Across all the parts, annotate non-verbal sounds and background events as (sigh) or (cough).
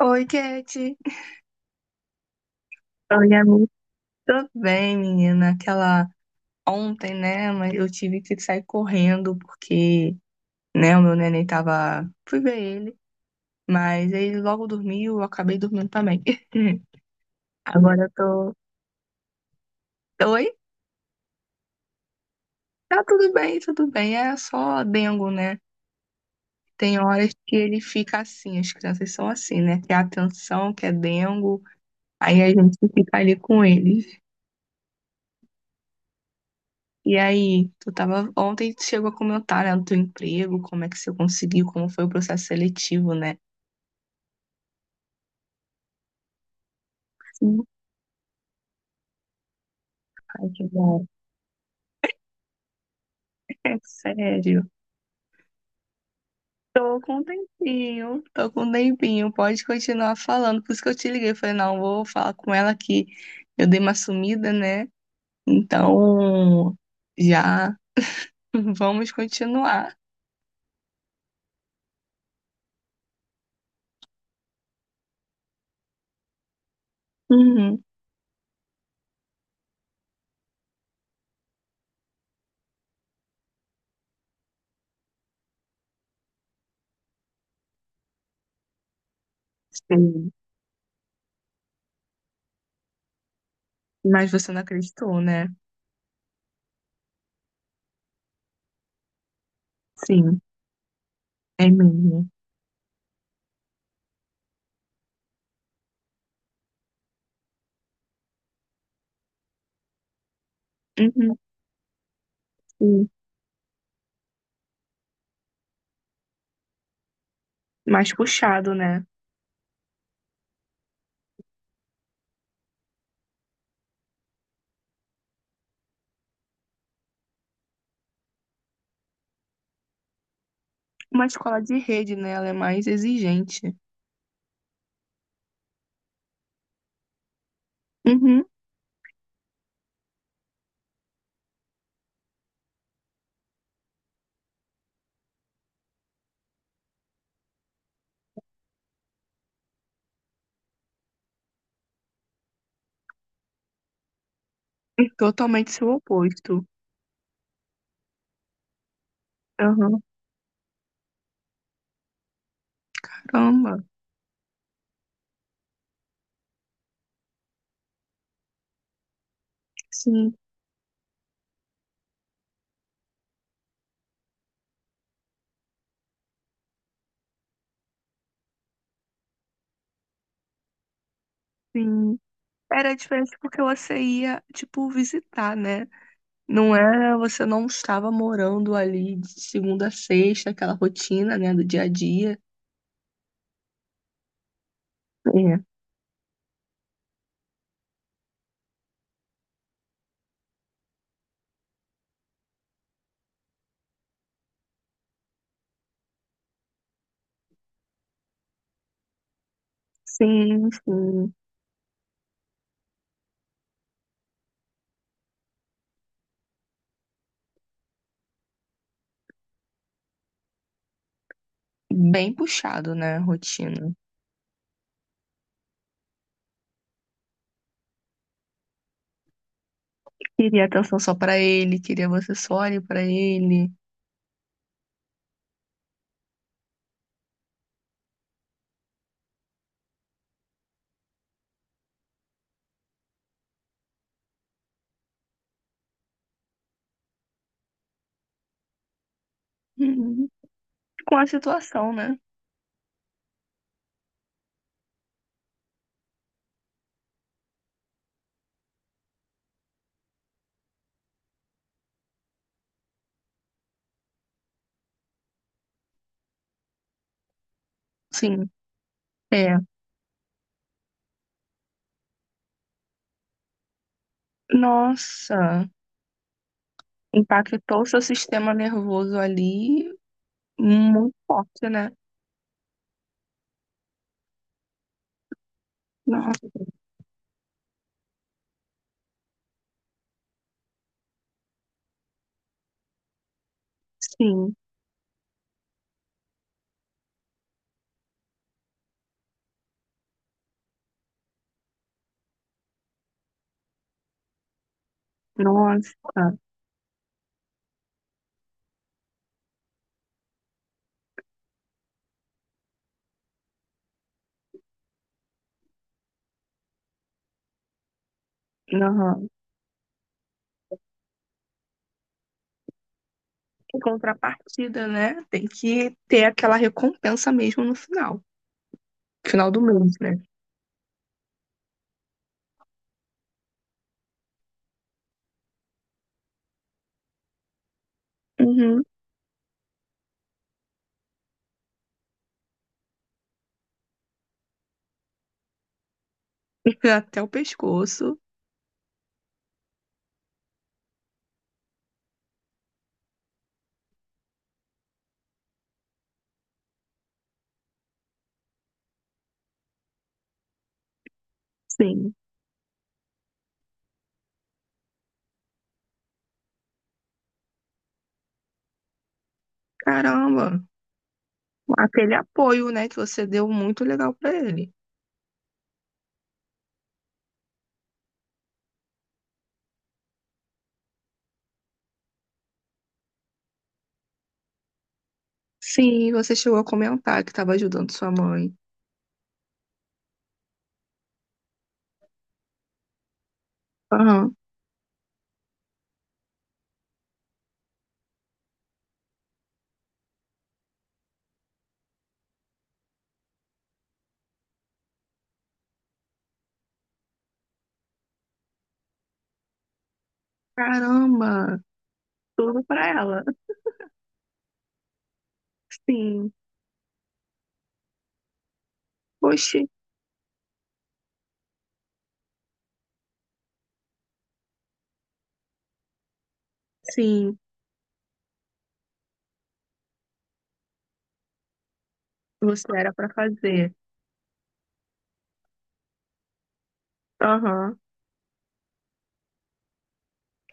Oi, Kate. Oi, amigo. Tudo bem, menina? Aquela ontem, né? Mas eu tive que sair correndo porque, né, o meu neném tava. Fui ver ele, mas ele logo dormiu, eu acabei dormindo também. (laughs) Agora eu tô. Oi? Tá tudo bem, tudo bem. É só dengo, né? Tem horas que ele fica assim, as crianças são assim, né? Quer atenção, quer dengo, aí a gente fica ali com ele. E aí, tu tava ontem tu chegou a comentar, né, do teu emprego, como é que você conseguiu, como foi o processo seletivo, né? Sim, ai, que bom. É sério. Tô com um tempinho, tô com um tempinho, pode continuar falando. Por isso que eu te liguei, falei, não, vou falar com ela que eu dei uma sumida, né? Então, já, (laughs) vamos continuar. Uhum. Sim. Mas você não acreditou, né? Sim, é mesmo. Uhum. Sim. Mais puxado, né? Uma escola de rede, né? Ela é mais exigente. Uhum. E totalmente seu oposto. Aham. Caramba. Sim, sim. Era diferente porque você ia, tipo, visitar, né? Não era, você não estava morando ali de segunda a sexta, aquela rotina, né, do dia a dia. É. Sim, sim. Bem puxado, né, a rotina. Queria atenção só pra ele, queria você só ali pra ele. Uhum. Com a situação, né? Sim. É. Nossa. Impactou seu sistema nervoso ali muito forte, né? Nossa, sim. Nossa. Aham. Em contrapartida, né? Tem que ter aquela recompensa mesmo no final. Final do mês, né? Uhum. (laughs) Até o pescoço. Sim. Caramba. Aquele apoio, né, que você deu muito legal pra ele. Sim, você chegou a comentar que tava ajudando sua mãe. Aham. Caramba. Tudo pra ela. Sim. Poxa. Sim. Você era pra fazer. Aham.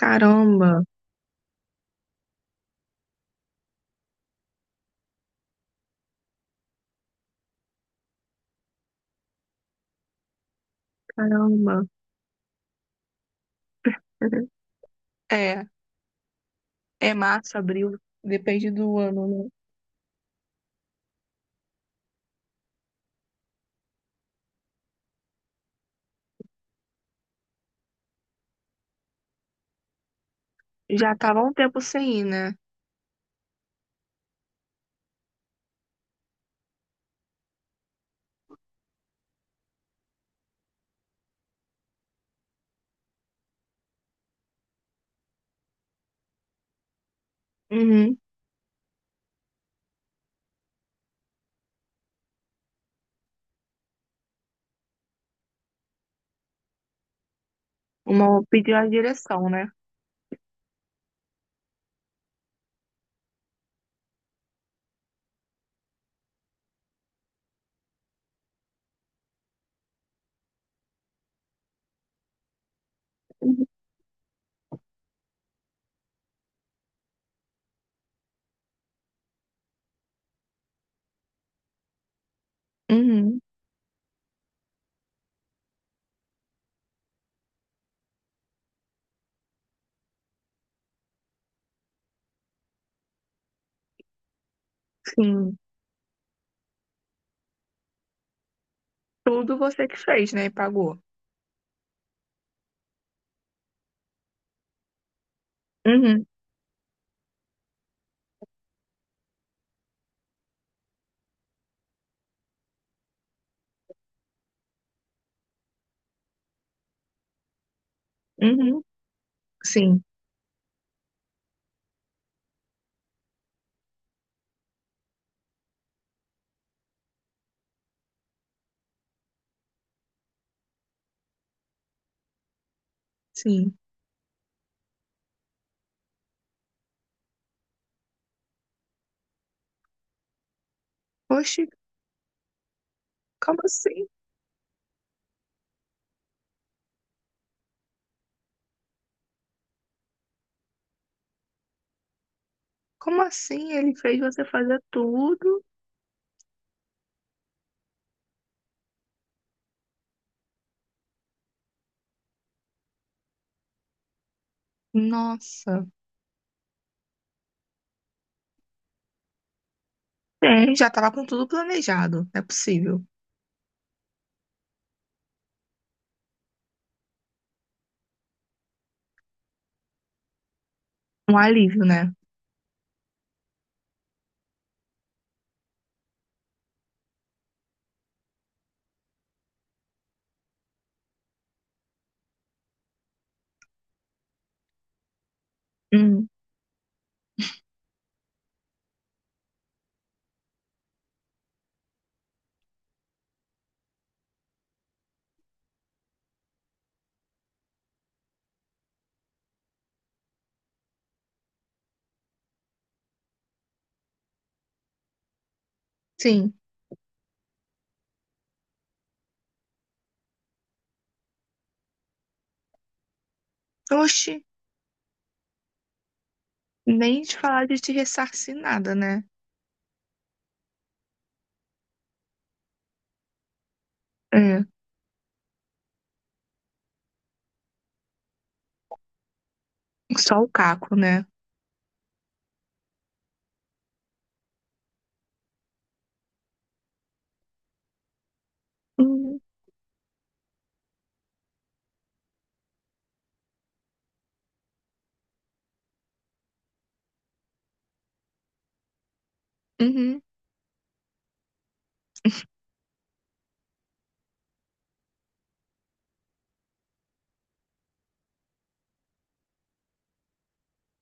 Caramba, caramba. Uhum. É, é março, abril, depende do ano, né? Já tava um tempo sem ir, né? Uhum. Uma pediu a direção, né? Uhum. Uhum. Sim. Tudo você que fez, né? E pagou. Uhum. Uhum. Sim, sim. Oxe, como assim? Como assim ele fez você fazer tudo? Nossa. É, já tava com tudo planejado. Não é possível. Um alívio, né? Hum. Sim. Oxi, nem de falar de te ressarcir nada, né? É, só o caco, né? Uhum, uhum.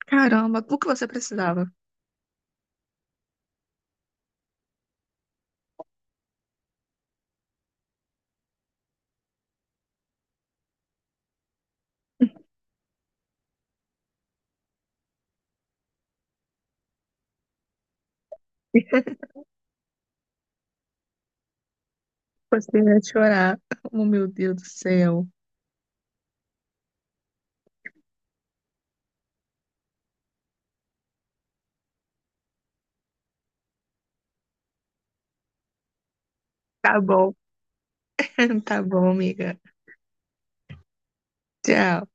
Caramba, o que você precisava? Você ia chorar. Oh, meu Deus do céu. Tá bom, (laughs) tá bom, amiga. Tchau.